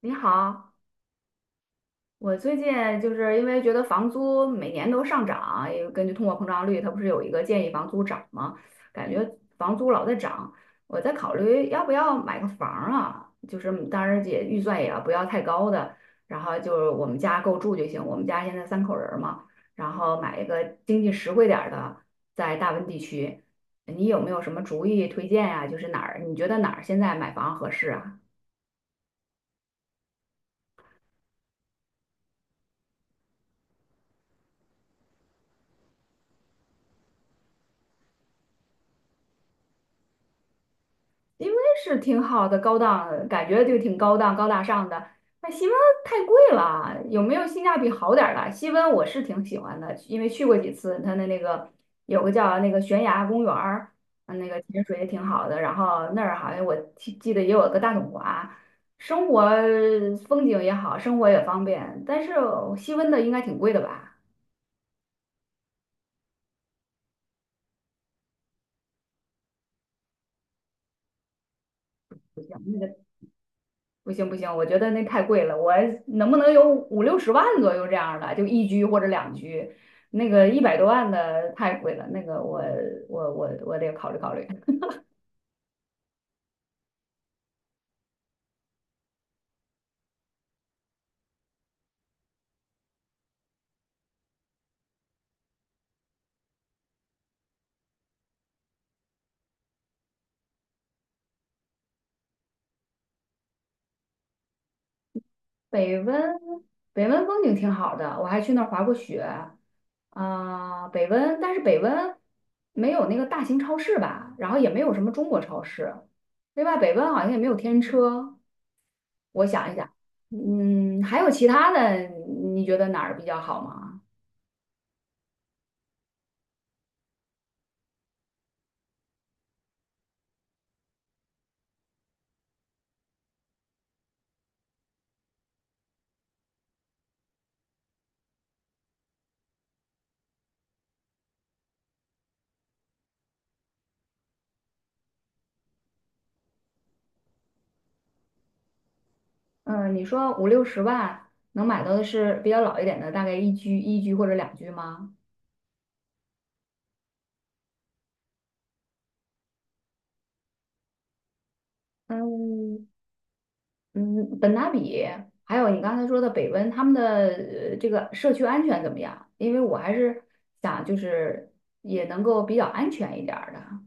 你好，我最近就是因为觉得房租每年都上涨，也根据通货膨胀率，它不是有一个建议房租涨吗？感觉房租老在涨，我在考虑要不要买个房儿啊，就是当然也预算也要不要太高的，然后就是我们家够住就行。我们家现在三口人儿嘛，然后买一个经济实惠点儿的，在大温地区，你有没有什么主意推荐呀、就是哪儿你觉得哪儿现在买房合适啊？因为是挺好的，高档，感觉就挺高档、高大上的。那西温太贵了，有没有性价比好点儿的？西温我是挺喜欢的，因为去过几次，它的那个有个叫那个悬崖公园儿，那个潜水也挺好的。然后那儿好像我记得也有个大统华，生活风景也好，生活也方便。但是西温的应该挺贵的吧？不行不行，我觉得那太贵了，我能不能有五六十万左右这样的，就一居或者两居，那个一百多万的太贵了，那个我得考虑考虑。北温北温风景挺好的，我还去那儿滑过雪，啊、北温，但是北温没有那个大型超市吧，然后也没有什么中国超市，另外北温好像也没有天车，我想一想，嗯，还有其他的，你觉得哪儿比较好吗？嗯，你说五六十万能买到的是比较老一点的，大概一居、一居或者两居吗？嗯嗯，本拿比，还有你刚才说的北温，他们的这个社区安全怎么样？因为我还是想就是也能够比较安全一点儿的。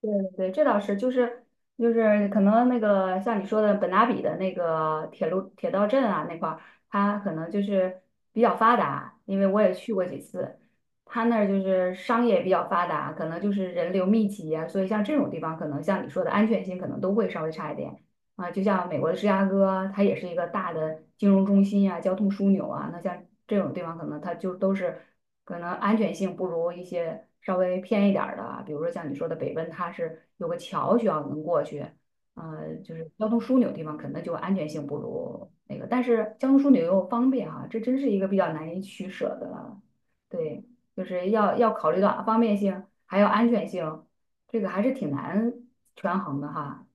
对对，这倒是，就是可能那个像你说的本拉比的那个铁路铁道镇啊那块儿，它可能就是比较发达，因为我也去过几次，它那儿就是商业比较发达，可能就是人流密集啊，所以像这种地方，可能像你说的安全性可能都会稍微差一点啊。就像美国的芝加哥，它也是一个大的金融中心啊，交通枢纽啊，那像这种地方可能它就都是。可能安全性不如一些稍微偏一点儿的啊比如说像你说的北奔，它是有个桥需要能过去，就是交通枢纽地方，可能就安全性不如那个，但是交通枢纽又方便啊，这真是一个比较难以取舍的，对，就是要考虑到方便性，还有安全性，这个还是挺难权衡的哈。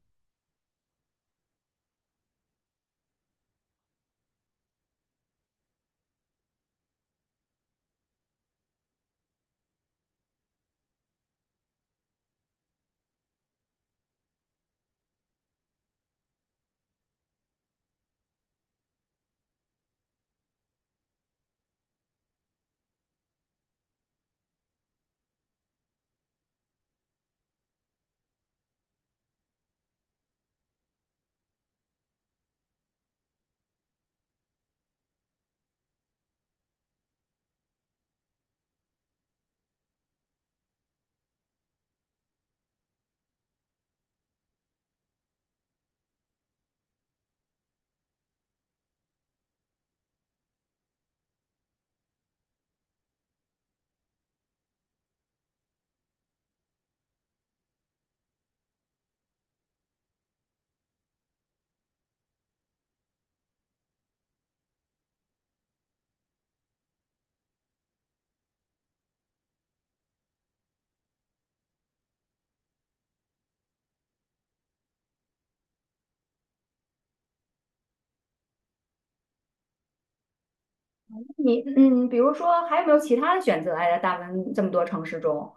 你嗯，比如说还有没有其他的选择？哎，在大温这么多城市中，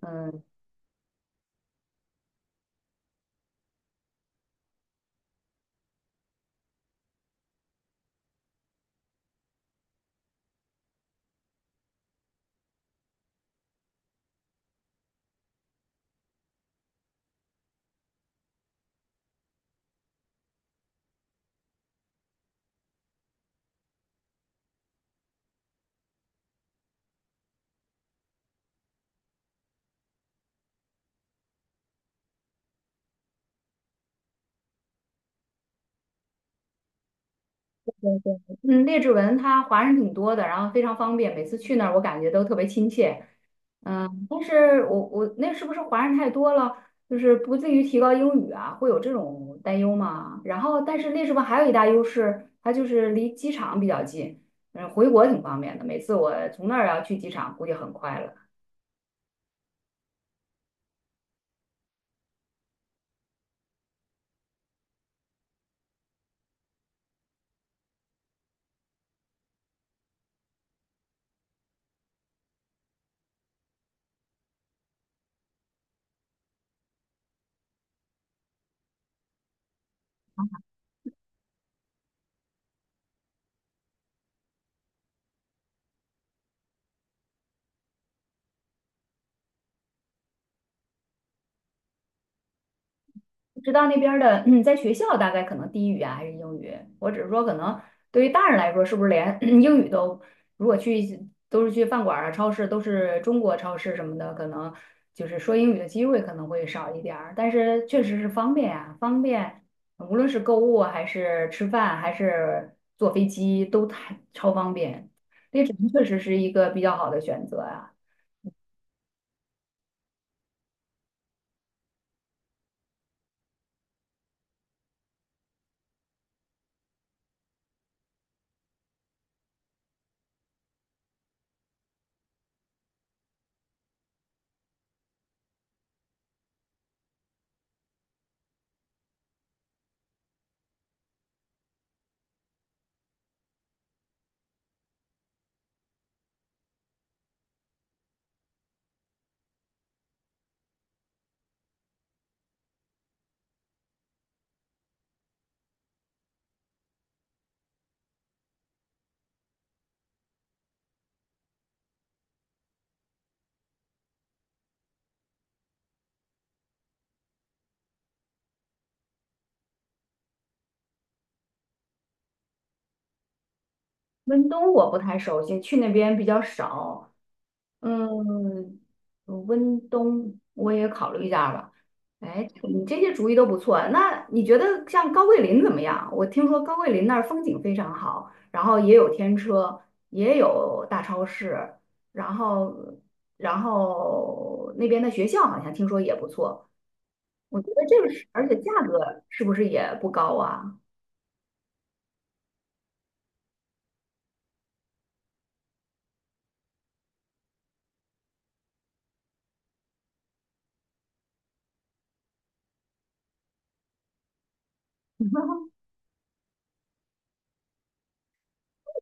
嗯。对对，嗯，列治文他华人挺多的，然后非常方便，每次去那儿我感觉都特别亲切。嗯，但是我那是不是华人太多了，就是不至于提高英语啊，会有这种担忧吗？然后，但是列治文还有一大优势，它就是离机场比较近，嗯，回国挺方便的。每次我从那儿要去机场，估计很快了。知道那边儿的，嗯，在学校大概可能低语啊，还是英语。我只是说，可能对于大人来说，是不是连 英语都，如果去都是去饭馆儿啊、超市，都是中国超市什么的，可能就是说英语的机会可能会少一点儿。但是确实是方便啊，方便，无论是购物啊还是吃饭，还是坐飞机，都太超方便。那支敦确实是一个比较好的选择啊。温东我不太熟悉，去那边比较少。嗯，温东我也考虑一下吧。哎，你这些主意都不错。那你觉得像高桂林怎么样？我听说高桂林那儿风景非常好，然后也有天车，也有大超市，然后然后那边的学校好像听说也不错。我觉得这个是，而且价格是不是也不高啊？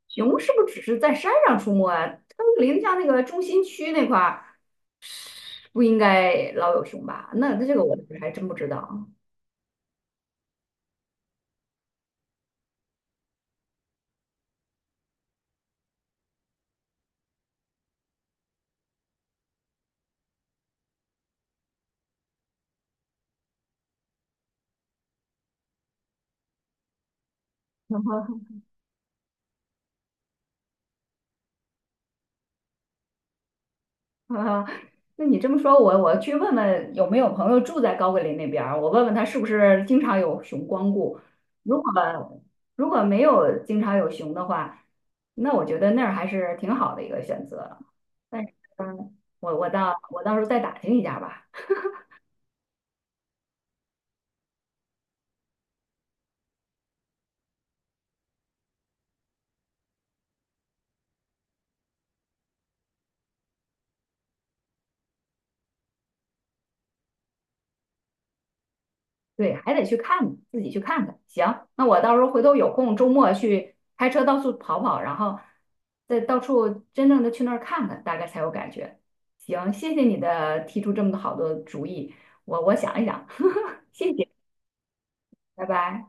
熊是不是只是在山上出没啊？高桂林像那个中心区那块儿。不应该老有熊吧？那这个我还真不知道。那你这么说，我去问问有没有朋友住在高桂林那边儿我问问他是不是经常有熊光顾。如果如果没有经常有熊的话，那我觉得那儿还是挺好的一个选择。但是，我到时候再打听一下吧。对，还得去看，自己去看看。行，那我到时候回头有空，周末去开车到处跑跑，然后再到处真正的去那儿看看，大概才有感觉。行，谢谢你的提出这么多好的主意，我想一想，谢谢，拜拜。